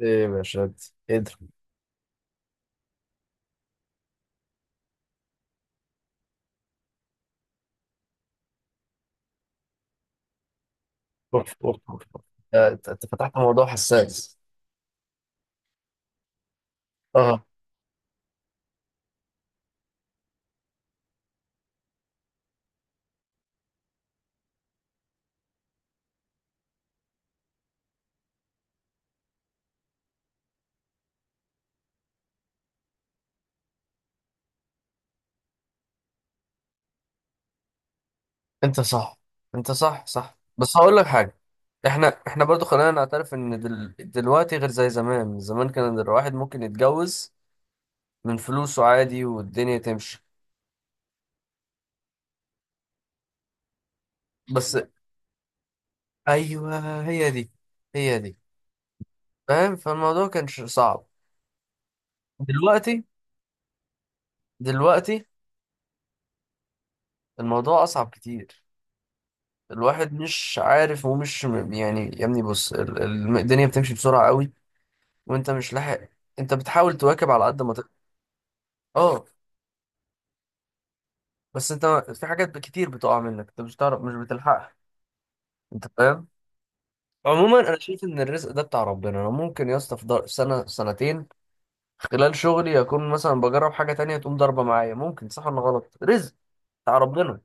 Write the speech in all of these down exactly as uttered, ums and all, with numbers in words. ايه يا باشا؟ قدر. اوف اوف اوف أوف. آه، انت أنت فتحت موضوع حساس. اه، انت صح انت صح صح، بس هقول لك حاجه. احنا احنا برضو خلينا نعترف ان دل... دلوقتي غير زي زمان. زمان كان الواحد ممكن يتجوز من فلوسه عادي والدنيا تمشي. بس ايوه، هي دي هي دي. فاهم؟ فالموضوع كان ش- صعب. دلوقتي دلوقتي الموضوع اصعب كتير. الواحد مش عارف ومش م- يعني، يا ابني بص، ال- ال- الدنيا بتمشي بسرعه قوي. وانت مش لاحق. انت بتحاول تواكب على قد ما تقدر. اه، بس انت في حاجات كتير بتقع منك، انت مش تعرف، مش بتلحقها. انت فاهم؟ عموما انا شايف ان الرزق ده بتاع ربنا. انا ممكن يا اسطى في ضر- سنه سنتين خلال شغلي اكون مثلا بجرب حاجه تانية تقوم ضربه معايا. ممكن صح ولا غلط، رزق بتاع ربنا.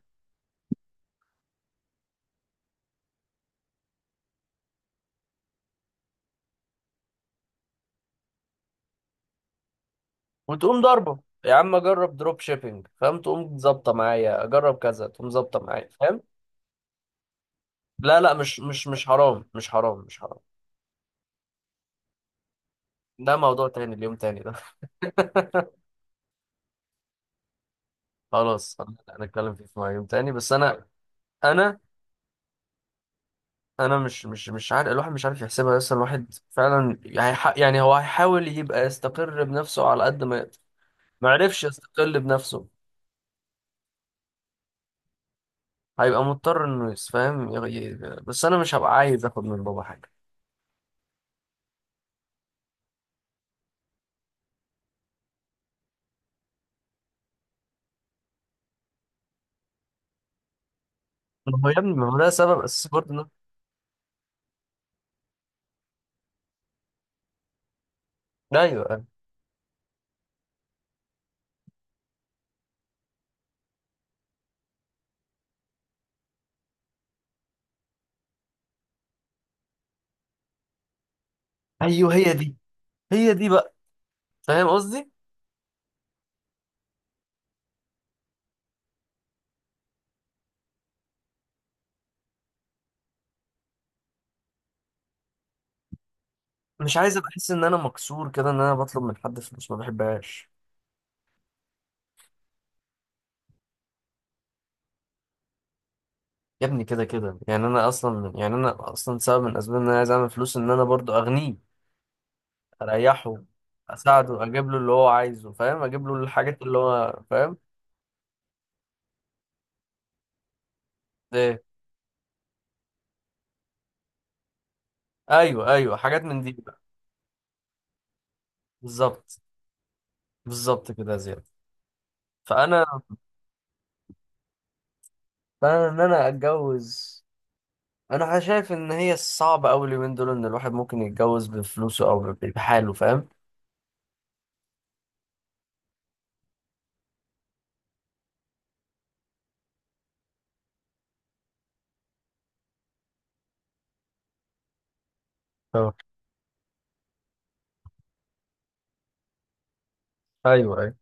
وتقوم ضربه. يا عم اجرب دروب شيبينج، فاهم؟ تقوم ظابطه معايا، اجرب كذا تقوم ظابطه معايا، فاهم؟ لا لا، مش مش مش حرام، مش حرام، مش حرام. ده موضوع تاني، اليوم تاني ده. خلاص، هنتكلم فيه في يوم تاني. بس انا، انا انا مش مش مش عارف. الواحد مش عارف يحسبها، بس الواحد فعلا هيح- يعني هو هيحاول يبقى يستقر بنفسه على قد ما يقدر. ما عرفش يستقل بنفسه، هيبقى مضطر انه يسفهم. بس انا مش هبقى عايز اخد من بابا حاجه. ما هو يا ابني، ما هو ده سبب اساسي برضه إنه- ايوه ايوه. أيوه، هي دي. هي دي بقى. فاهم قصدي؟ مش عايز ابقى احس ان انا مكسور كده، ان انا بطلب من حد فلوس، ما بحبهاش. يا ابني كده كده يعني، انا اصلا، يعني انا اصلا سبب من اسباب ان انا عايز اعمل فلوس ان انا برضو اغنيه، اريحه، اساعده، اجيب له اللي هو عايزه، فاهم؟ اجيب له الحاجات اللي هو، فاهم؟ ايه؟ ايوه ايوه، حاجات من دي بقى. بالظبط. بالظبط كده يا زياد. فانا فانا ان انا اتجوز. انا شايف ان هي صعبه قوي اليومين دول، ان الواحد ممكن يتجوز بفلوسه او ب- بحاله، فاهم؟ اه، ايوه ايوه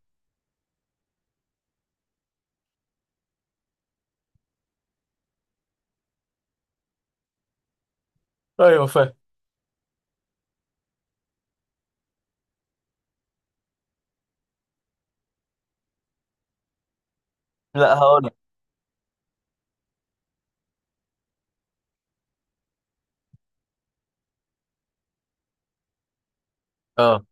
ايوه فاهم. لا هقول لك. اه.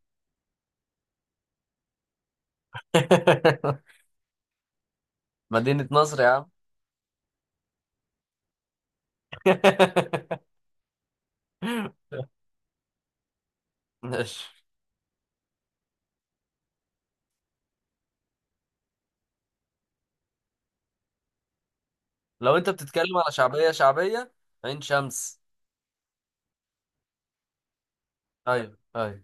مدينه نصر يا عم. ماشي. لو انت بتتكلم على شعبية شعبية، عين شمس. ايوه ايوه.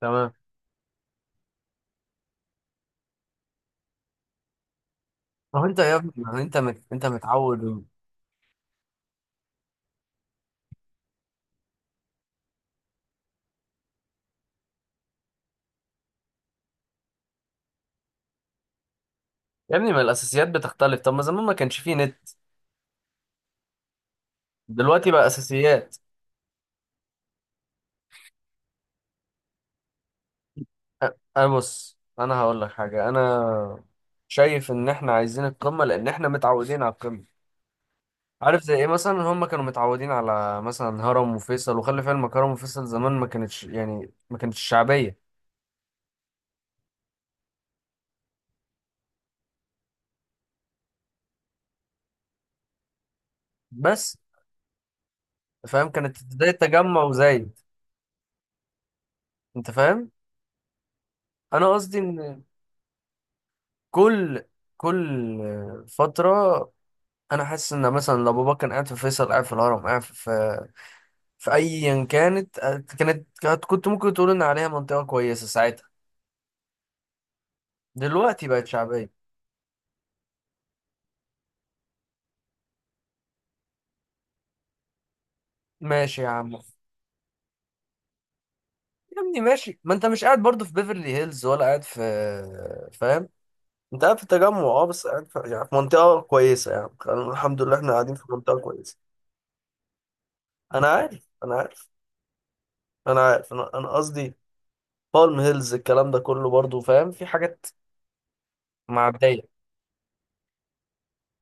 تمام. ما هو انت يا ابني، ما هو انت مت... انت متعود. يا ابني، ما الاساسيات بتختلف. طب ما زمان ما كانش فيه نت. دلوقتي بقى اساسيات. أ- انا بص، انا هقول لك حاجة. انا شايف ان احنا عايزين القمة لان احنا متعودين على القمة. عارف زي ايه؟ مثلا هم كانوا متعودين على مثلا هرم وفيصل. وخلي في علمك، هرم وفيصل زمان ما كانتش، يعني ما كانتش شعبية. بس فاهم، كانت زي التجمع وزايد. انت فاهم؟ انا قصدي ان كل كل فتره، انا حاسس ان مثلا لو بابا كان قاعد في فيصل، قاعد في الهرم، قاعد في في في ايا كانت، آه، كانت كانت- كنت ممكن تقول ان عليها منطقه كويسه ساعتها. دلوقتي بقت شعبيه. ماشي يا عم. يا ابني ماشي. ما انت مش قاعد برضه في بيفرلي هيلز ولا قاعد في، فاهم؟ انت قاعد في التجمع، اه، بس قاعد في، يعني في منطقه كويسه يعني. الحمد لله احنا قاعدين في منطقه كويسه. انا عارف انا عارف انا عارف. انا أنا قصدي بالم هيلز الكلام ده كله، برضو فاهم؟ في حاجات معدية.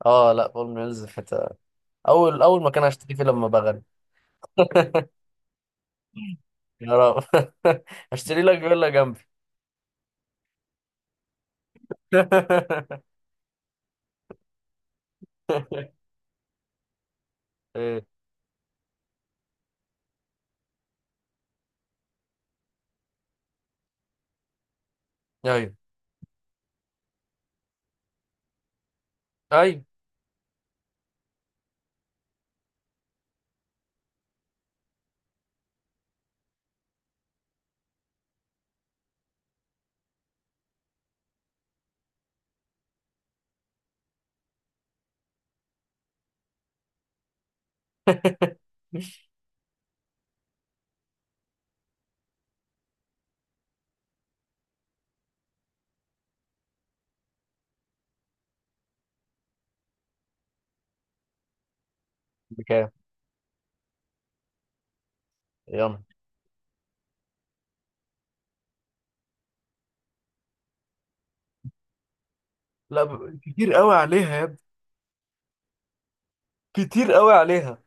اه لا، بالم هيلز في حتة. اول اول مكان هشتري فيه لما بغني. يا رب. هشتري لك فيلا جنبي. ايه؟ ايوه ايوه. بكام؟ يلا. لا ب... كتير قوي عليها يا ابني. كتير قوي عليها يا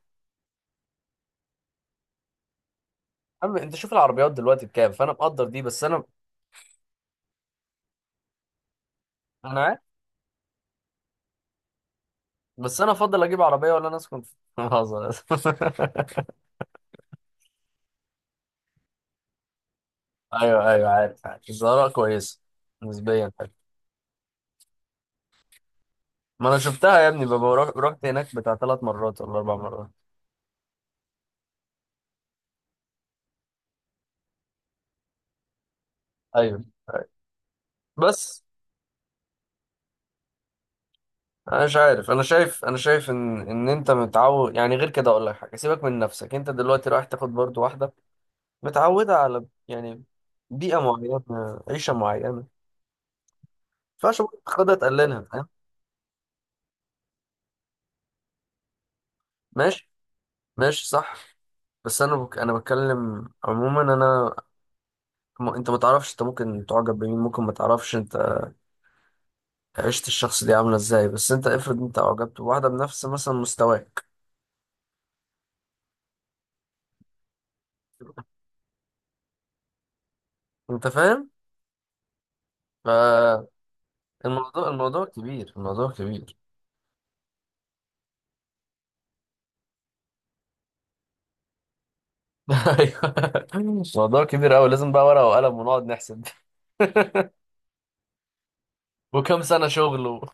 عم. انت شوف العربيات دلوقتي بكام، فانا مقدر دي، بس انا، انا عارف. بس انا افضل اجيب عربيه، ولا انا اسكن في بهزر. ايوه ايوه عارف عارف، الزهراء كويسه نسبيا. حلو. ما انا شفتها يا ابني، ببقى روح- رحت هناك بتاع ثلاث مرات ولا اربع مرات. ايوه، بس انا مش عارف. انا شايف انا شايف ان ان انت متعود يعني. غير كده اقول لك حاجه، سيبك من نفسك، انت دلوقتي رايح تاخد برضو واحده متعوده على، يعني بيئه معينه عيشه معينه. ما ينفعش برضو تاخدها تقللها، فاهم؟ ماشي. ماشي صح. بس انا بك... انا بتكلم عموما. انا م... انت ما تعرفش، انت ممكن تعجب بمين، ممكن ما تعرفش انت عيشة الشخص دي عاملة ازاي. بس انت افرض انت اعجبت بواحدة بنفس مثلا مستواك. انت فاهم؟ فالموضوع، الموضوع كبير، الموضوع كبير. ايوه. الموضوع كبير اوي، لازم بقى ورقة وقلم ونقعد نحسب. وكم سنة شغل و-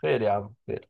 خير يا عم، خير.